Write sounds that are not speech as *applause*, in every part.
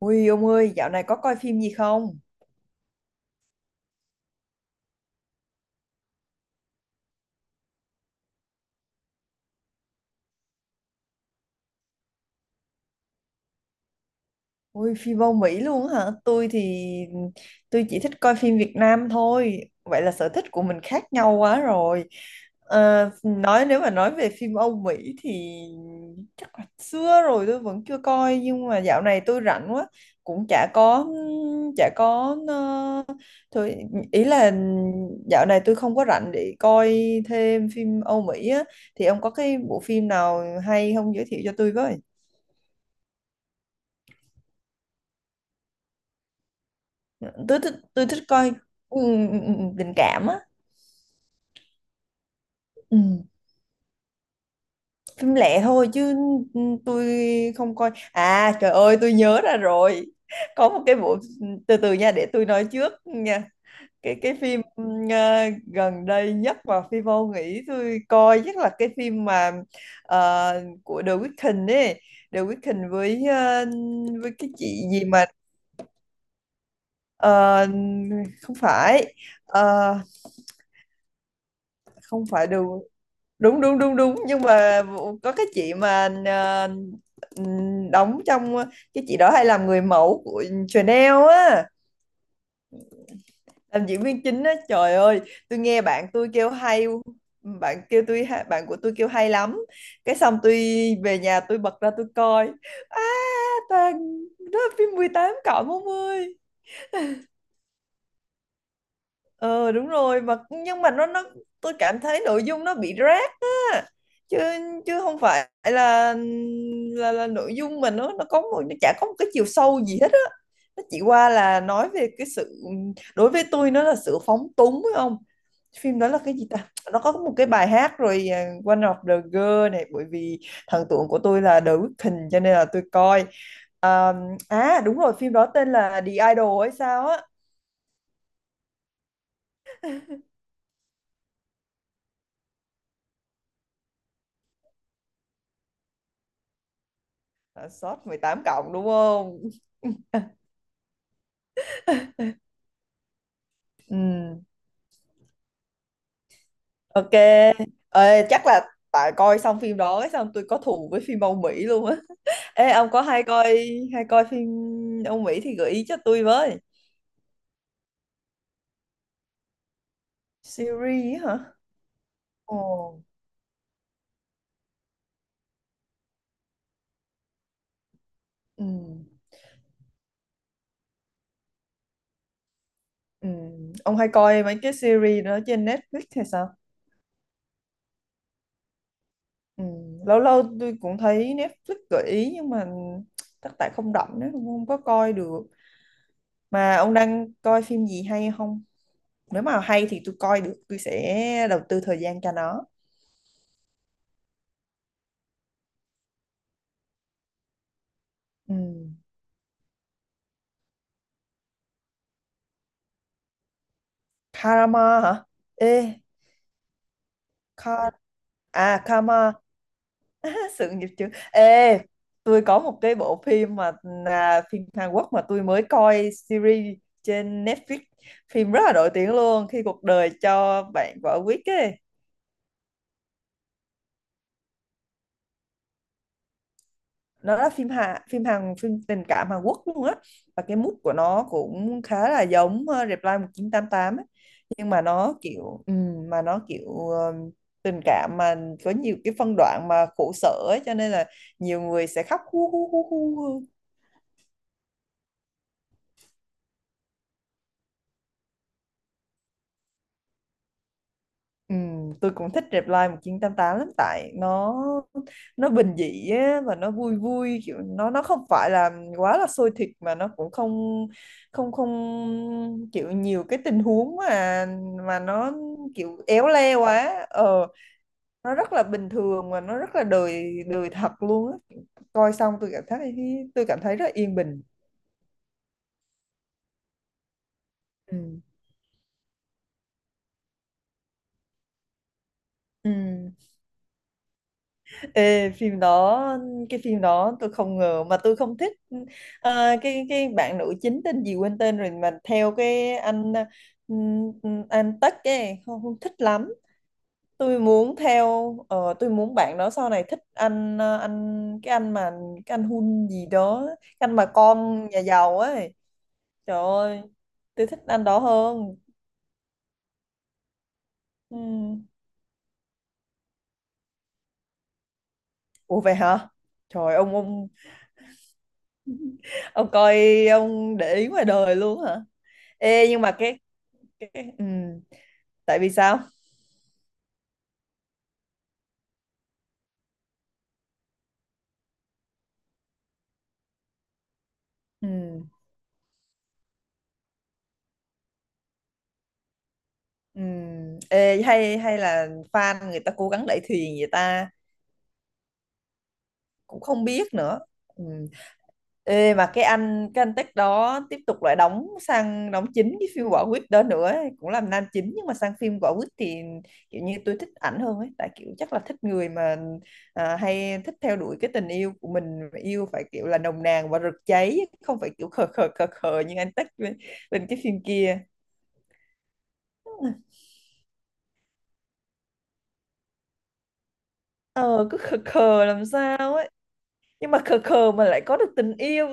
Ui ông ơi, dạo này có coi phim gì không? Ui, phim Âu Mỹ luôn á hả? Tôi thì tôi chỉ thích coi phim Việt Nam thôi. Vậy là sở thích của mình khác nhau quá rồi. Ờ, nói nếu mà nói về phim Âu Mỹ thì chắc là xưa rồi tôi vẫn chưa coi, nhưng mà dạo này tôi rảnh quá, cũng chả có ờ, thôi, ý là dạo này tôi không có rảnh để coi thêm phim Âu Mỹ á, thì ông có cái bộ phim nào hay không giới thiệu cho tôi với? Tôi thích coi, ừ, tình cảm á. Ừ. Phim lẻ thôi chứ. Tôi không coi. À trời ơi tôi nhớ ra rồi, có một cái bộ, từ từ nha để tôi nói trước nha. Cái phim gần đây nhất mà phi vô nghĩ tôi coi chắc là cái phim mà của The Weeknd ấy. The Weeknd với cái chị gì mà ờ, không phải. Ờ, không phải The Đúng đúng đúng đúng, nhưng mà có cái chị mà đóng trong, cái chị đó hay làm người mẫu của Chanel á, làm diễn viên chính á. Trời ơi, tôi nghe bạn tôi kêu hay, bạn của tôi kêu hay lắm, cái xong tôi về nhà tôi bật ra tôi coi. À, toàn, đó là phim 18+ 40. Ờ đúng rồi, mà nhưng mà nó tôi cảm thấy nội dung nó bị rác á, chứ chứ không phải là, là nội dung mà nó có một, nó chả có một cái chiều sâu gì hết á. Nó chỉ qua là nói về cái sự, đối với tôi nó là sự phóng túng, phải không? Phim đó là cái gì ta, nó có một cái bài hát rồi, à, One of the Girl, này bởi vì thần tượng của tôi là The Weeknd cho nên là tôi coi. à, À đúng rồi, phim đó tên là The Idol hay sao á. Là short 18+ đúng không? Ừ. Ok. Ê, chắc là tại coi xong phim đó ấy, xong tôi có thù với phim Âu Mỹ luôn á. Ê, ông có hay coi phim Âu Mỹ thì gợi ý cho tôi với. Series á hả? Ồ. Ừ. Ừ. Ông hay coi mấy cái series đó trên Netflix hay sao? Ừ. Lâu lâu tôi cũng thấy Netflix gợi ý nhưng mà chắc tại không rảnh nữa, không có coi được. Mà ông đang coi phim gì hay không? Nếu mà hay thì tôi coi được, tôi sẽ đầu tư thời gian cho nó. Ừ. Karma hả? Ê, Kar... à Karma. *laughs* Sự nghiệp chứ. Ê, tôi có một cái bộ phim mà là phim Hàn Quốc mà tôi mới coi series trên Netflix. Phim rất là nổi tiếng luôn, khi cuộc đời cho bạn quả quýt ấy. Nó là phim Hàn, phim tình cảm Hàn Quốc luôn á, và cái mood của nó cũng khá là giống Reply 1988 ấy. Nhưng mà nó kiểu tình cảm mà có nhiều cái phân đoạn mà khổ sở ấy cho nên là nhiều người sẽ khóc hu hu hu hu. Ừ, tôi cũng thích Reply 1988 lắm, tại nó bình dị á, và nó vui vui, kiểu nó không phải là quá là sôi thịt, mà nó cũng không không không kiểu nhiều cái tình huống mà nó kiểu éo le quá. Ờ, nó rất là bình thường và nó rất là đời đời thật luôn á, coi xong tôi cảm thấy, tôi cảm thấy rất yên bình. Ừ. Ừ. Ê, phim đó, cái phim đó tôi không ngờ mà tôi không thích. Cái bạn nữ chính tên gì quên tên rồi, mà theo cái ừm, anh Tắc ấy, không, không thích lắm. Tôi muốn theo, tôi muốn bạn đó sau này thích anh, cái anh mà, cái anh Hun gì đó, cái anh mà con nhà giàu ấy. Trời ơi, tôi thích anh đó hơn. Ừm. Ủa vậy hả? Trời, ông coi, ông để ý ngoài đời luôn hả? Ê nhưng mà cái, ừ, tại vì sao? Ừ. Ừ. Ê, hay hay là fan người ta cố gắng đẩy thuyền vậy ta? Cũng không biết nữa. Ừ. Ê, mà cái anh tech đó tiếp tục lại đóng, sang đóng chính cái phim Quả Quýt đó nữa ấy, cũng làm nam chính. Nhưng mà sang phim Quả Quýt thì kiểu như tôi thích ảnh hơn ấy, tại kiểu chắc là thích người mà, à, hay thích theo đuổi cái tình yêu của mình yêu phải kiểu là nồng nàn và rực cháy, không phải kiểu khờ khờ khờ khờ như anh tech bên, bên cái phim kia. Ờ cứ khờ khờ làm sao ấy, nhưng mà khờ khờ mà lại có được tình yêu.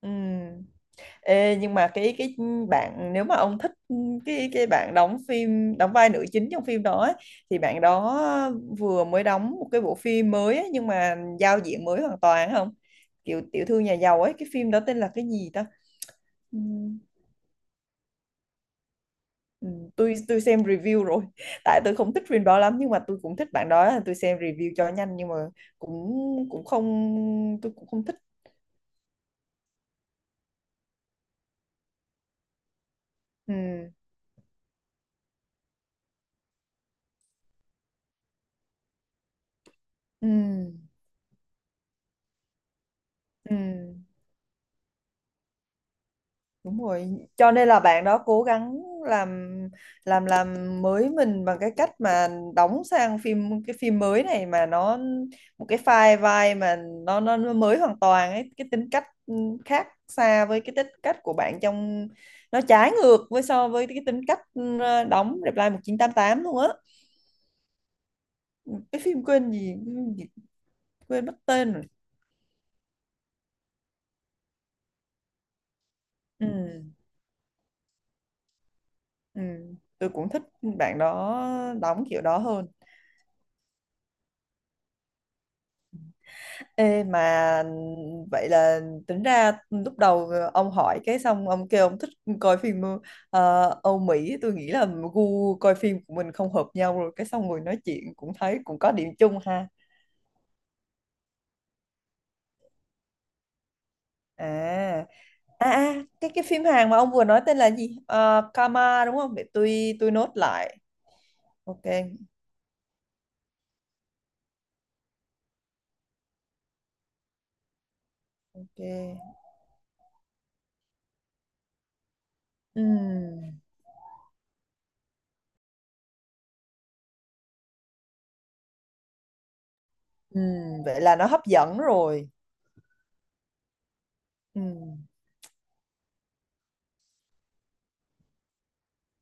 Ừ. Ê, nhưng mà cái bạn, nếu mà ông thích cái, bạn đóng phim, đóng vai nữ chính trong phim đó ấy, thì bạn đó vừa mới đóng một cái bộ phim mới ấy, nhưng mà giao diện mới hoàn toàn, không kiểu tiểu thư nhà giàu ấy, cái phim đó tên là cái gì ta? Ừ. Ừ, tôi xem review rồi *laughs* tại tôi không thích phim đó lắm, nhưng mà tôi cũng thích bạn đó, tôi xem review cho nhanh, nhưng mà cũng, cũng không tôi cũng không thích. Ừ. Ừ. Ừ. Đúng rồi, cho nên là bạn đó cố gắng làm làm mới mình bằng cái cách mà đóng sang phim, cái phim mới này mà nó một cái file vai mà nó mới hoàn toàn ấy, cái tính cách khác xa với cái tính cách của bạn trong, nó trái ngược với, so với cái tính cách đóng Reply 1988 luôn á. Cái phim quên mất tên rồi. Ừ, ừ, tôi cũng thích bạn đó đóng kiểu đó hơn. Ê mà vậy là tính ra lúc đầu ông hỏi, cái xong ông kêu ông thích coi phim Âu Mỹ, tôi nghĩ là gu coi phim của mình không hợp nhau rồi, cái xong ngồi nói chuyện cũng thấy cũng có điểm chung ha. à à à, cái phim Hàn mà ông vừa nói tên là gì? Ờ, Karma đúng không, để tôi nốt lại. Ok. Ok. Ừm, ừm, vậy là nó hấp dẫn rồi. Ừm,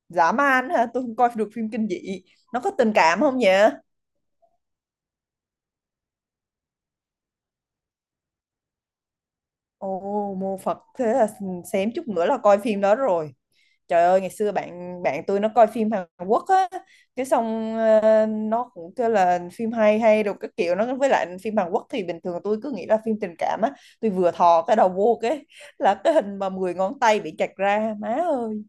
dã man hả, tôi không coi được phim kinh dị, nó có tình cảm không nhỉ? Ồ, mô Phật, thế là xém chút nữa là coi phim đó rồi. Trời ơi, ngày xưa bạn bạn tôi nó coi phim Hàn Quốc á, cái xong nó cũng kêu là phim hay hay rồi cái kiểu nó, với lại phim Hàn Quốc thì bình thường tôi cứ nghĩ là phim tình cảm á, tôi vừa thò cái đầu vô cái là cái hình mà 10 ngón tay bị chặt ra, má ơi.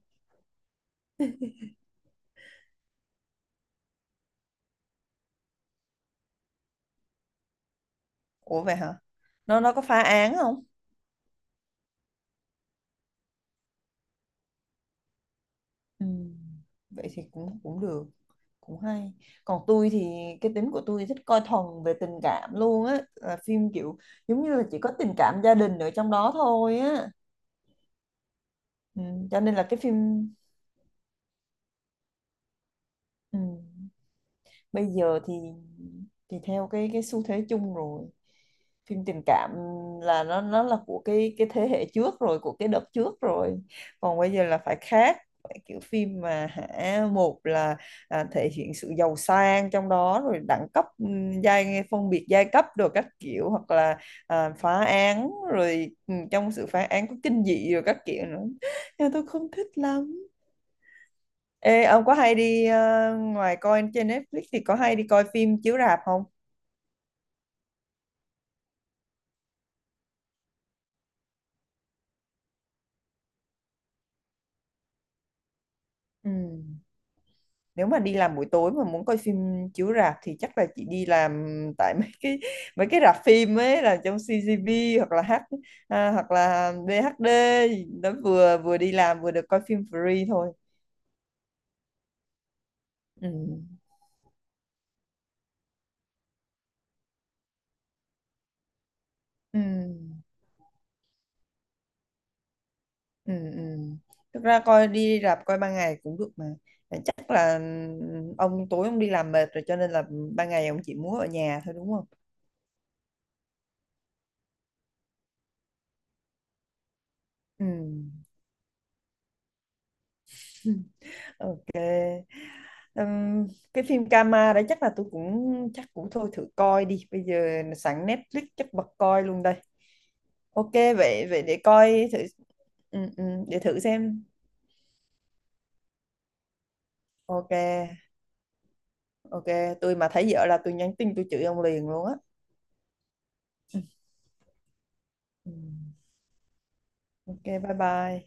Ủa vậy hả? Nó có phá án không? Ừ. Vậy thì cũng cũng được, cũng hay. Còn tôi thì cái tính của tôi thích coi thuần về tình cảm luôn á, là phim kiểu giống như là chỉ có tình cảm gia đình ở trong đó thôi á. Ừ. Cho nên là cái phim, ừ, bây giờ thì theo cái, xu thế chung rồi, phim tình cảm là nó là của cái, thế hệ trước rồi, của cái đợt trước rồi, còn bây giờ là phải khác, phải kiểu phim mà hả, một là, à, thể hiện sự giàu sang trong đó rồi đẳng cấp, giai, phân biệt giai cấp rồi các kiểu, hoặc là à, phá án rồi, trong sự phá án có kinh dị rồi các kiểu nữa, nhưng mà tôi không thích lắm. Ê, ông có hay đi, ngoài coi trên Netflix thì có hay đi coi phim chiếu rạp không? Ừ. Nếu mà đi làm buổi tối mà muốn coi phim chiếu rạp thì chắc là chị đi làm, tại mấy cái, rạp phim ấy là trong CGV hoặc là H, à, hoặc là BHD đó, vừa vừa đi làm vừa được coi phim free thôi. Ừ. Ừ. Ừ. Ừ. Thực ra coi đi rạp coi ban ngày cũng được mà. Chắc là, ừ, ông tối ông đi làm mệt rồi cho nên là ban ngày ông chỉ muốn ở nhà thôi đúng không? Ừ. Ừ. Ừ. Ừm, cái phim Kama đấy chắc là tôi cũng chắc cũng thôi thử coi đi, bây giờ sẵn Netflix chắc bật coi luôn đây. Ok, vậy vậy để coi thử. Ừ, ừ, để thử xem. Ok. Ok. Tôi mà thấy vợ là tôi nhắn tin tôi chửi ông liền luôn á. Ừ. Ok, bye bye.